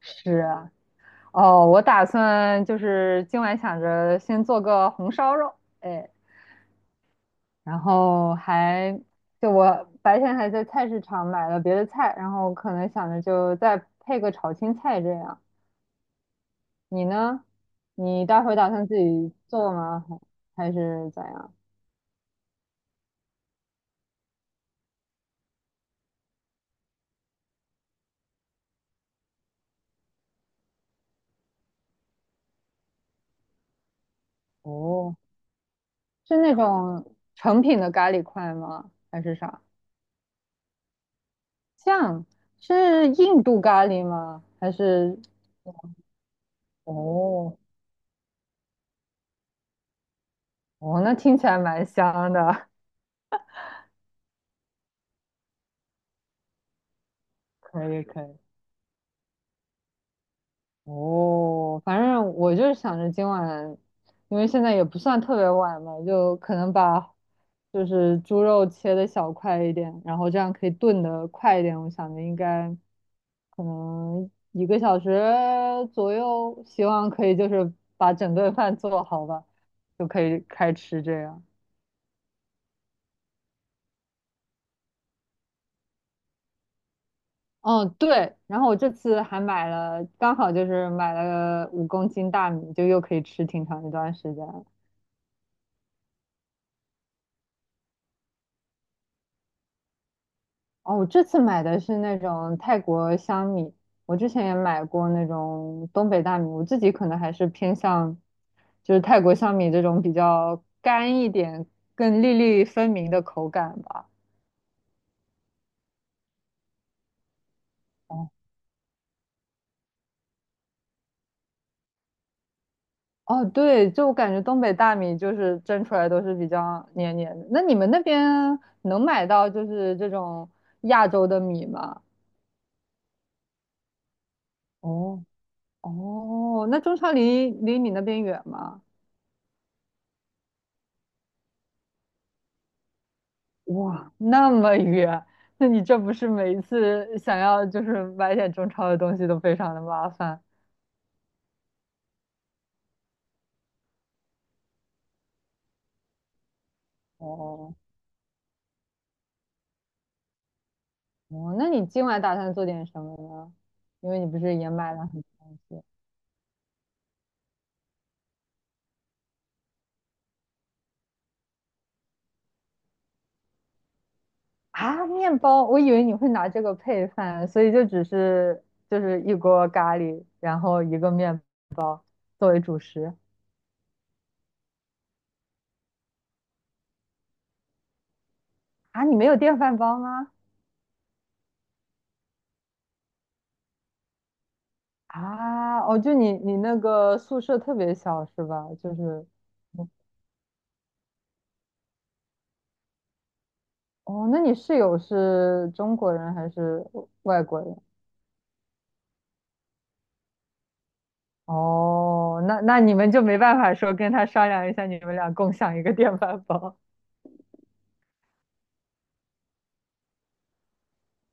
是啊，哦，我打算就是今晚想着先做个红烧肉，哎，然后还就我白天还在菜市场买了别的菜，然后可能想着就再配个炒青菜这样。你呢？你待会儿打算自己做吗？还是咋样？哦，是那种成品的咖喱块吗？还是啥酱？是印度咖喱吗？还是哦哦，那听起来蛮香的。可以可以哦，反正我就是想着今晚，因为现在也不算特别晚嘛，就可能把就是猪肉切的小块一点，然后这样可以炖的快一点。我想着应该可能1个小时左右，希望可以就是把整顿饭做好吧，就可以开吃这样。嗯，对，然后我这次还买了，刚好就是买了5公斤大米，就又可以吃挺长一段时间。哦，我这次买的是那种泰国香米，我之前也买过那种东北大米，我自己可能还是偏向就是泰国香米这种比较干一点、更粒粒分明的口感吧。哦哦，对，就我感觉东北大米就是蒸出来都是比较黏黏的。那你们那边能买到就是这种亚洲的米吗？哦哦，那中超离你那边远吗？哇，那么远，那你这不是每一次想要就是买点中超的东西都非常的麻烦哦哦，那你今晚打算做点什么呢？因为你不是也买了很多东西啊，面包，我以为你会拿这个配饭，所以就只是就是一锅咖喱，然后一个面作为主食啊，你没有电饭煲吗？啊，哦，就你那个宿舍特别小是吧？就是。哦，那你室友是中国人还是外国人？哦，那你们就没办法说跟他商量一下，你们俩共享一个电饭煲。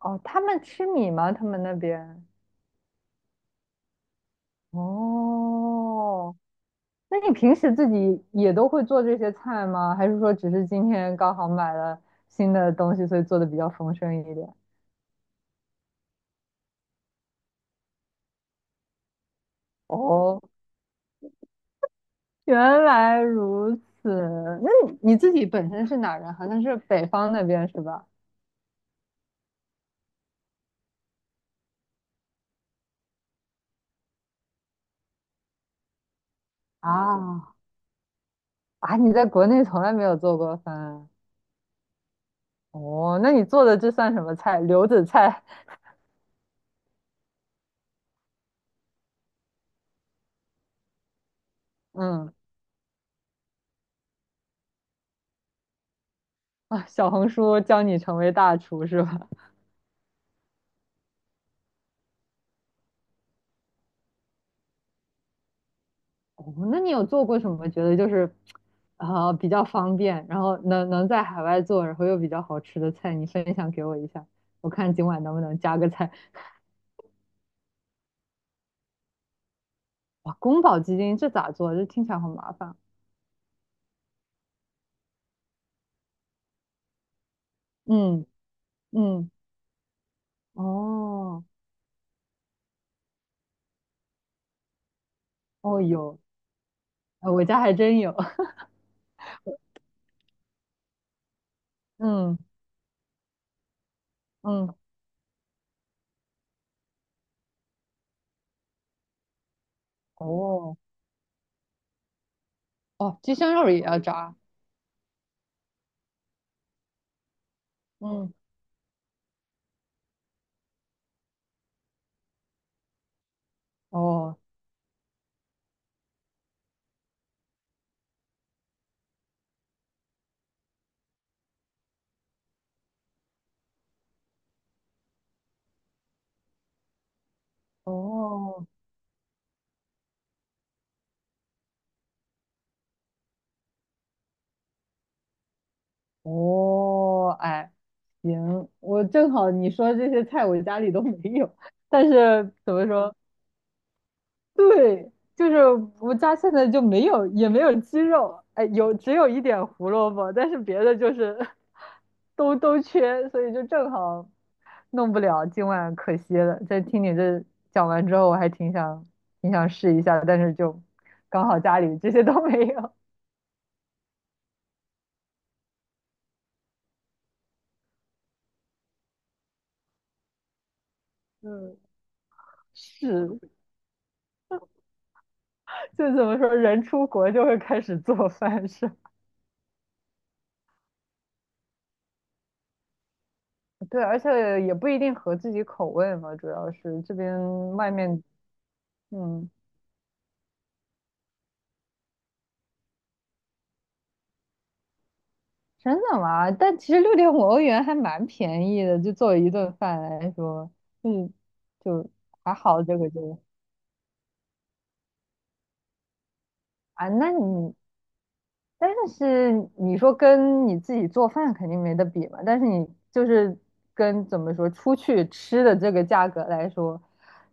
哦，他们吃米吗？他们那边？哦，那你平时自己也都会做这些菜吗？还是说只是今天刚好买了新的东西，所以做的比较丰盛一点？哦，原来如此。那你自己本身是哪人？好像是北方那边是吧？啊，啊，你在国内从来没有做过饭啊哦？那你做的这算什么菜？留子菜？嗯啊，小红书教你成为大厨是吧？哦，那你有做过什么？觉得就是啊、比较方便，然后能在海外做，然后又比较好吃的菜，你分享给我一下，我看今晚能不能加个菜。哇，宫保鸡丁这咋做？这听起来好麻烦。嗯嗯，哦哦有，我家还真有。嗯嗯，哦哦，鸡胸肉也要炸。嗯，哦，哦，哦，哎，行，我正好你说这些菜我家里都没有，但是怎么说？对，就是我家现在就没有，也没有鸡肉，哎，有只有一点胡萝卜，但是别的就是都缺，所以就正好弄不了，今晚可惜了。在听你这讲完之后，我还挺想试一下的，但是就刚好家里这些都没有。嗯，是，就怎么说，人出国就会开始做饭是吧？对，而且也不一定合自己口味嘛，主要是这边外面，嗯，真的吗？但其实六点五欧元还蛮便宜的，就作为一顿饭来说，嗯，就还好这个就啊，那你但是你说跟你自己做饭肯定没得比嘛，但是你就是跟怎么说出去吃的这个价格来说，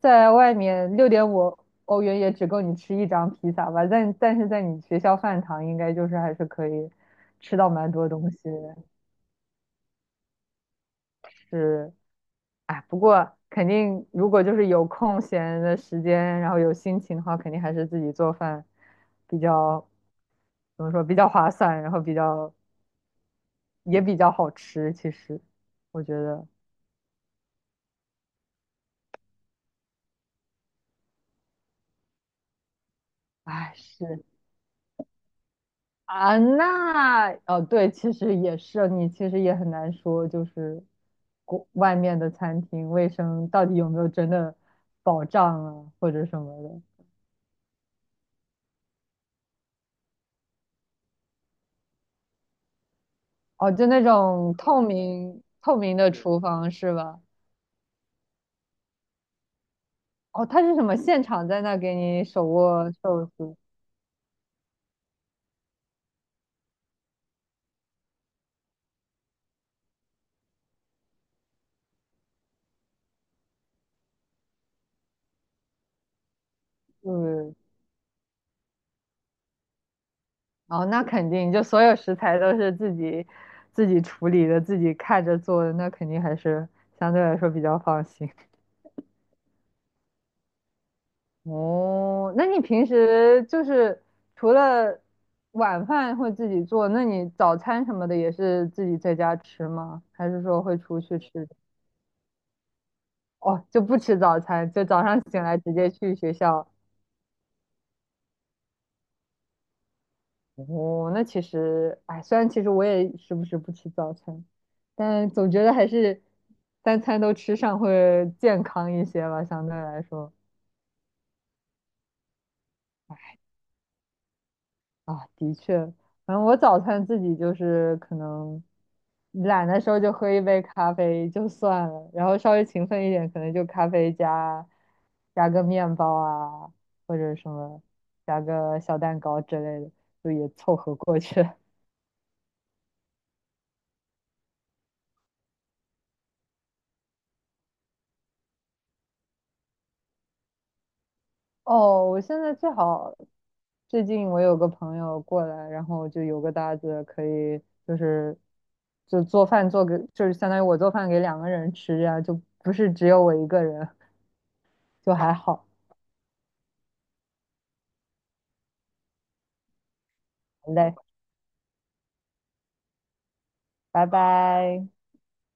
在外面六点五欧元也只够你吃一张披萨吧，但是在你学校饭堂应该就是还是可以吃到蛮多东西的，是，哎，不过肯定如果就是有空闲的时间，然后有心情的话，肯定还是自己做饭比较怎么说比较划算，然后比较。也比较好吃。其实我觉得，哎，是啊，那哦，对，其实也是，你其实也很难说，就是国外面的餐厅卫生到底有没有真的保障啊，或者什么的。哦，就那种透明透明的厨房是吧？哦，他是什么？现场在那给你手握寿司？对，哦，那肯定，就所有食材都是自己处理的，自己看着做的，那肯定还是相对来说比较放心。哦，那你平时就是除了晚饭会自己做，那你早餐什么的也是自己在家吃吗？还是说会出去吃？哦，就不吃早餐，就早上醒来直接去学校。哦，那其实，哎，虽然其实我也时不时不吃早餐，但总觉得还是三餐都吃上会健康一些吧，相对来说。哎啊，的确，反正我早餐自己就是可能懒的时候就喝一杯咖啡就算了，然后稍微勤奋一点，可能就咖啡加个面包啊，或者什么加个小蛋糕之类的，就也凑合过去。哦，我现在最近我有个朋友过来，然后就有个搭子可以，就是就做饭做给，就是相当于我做饭给2个人吃，这样就不是只有我一个人，就还好。好嘞，拜拜。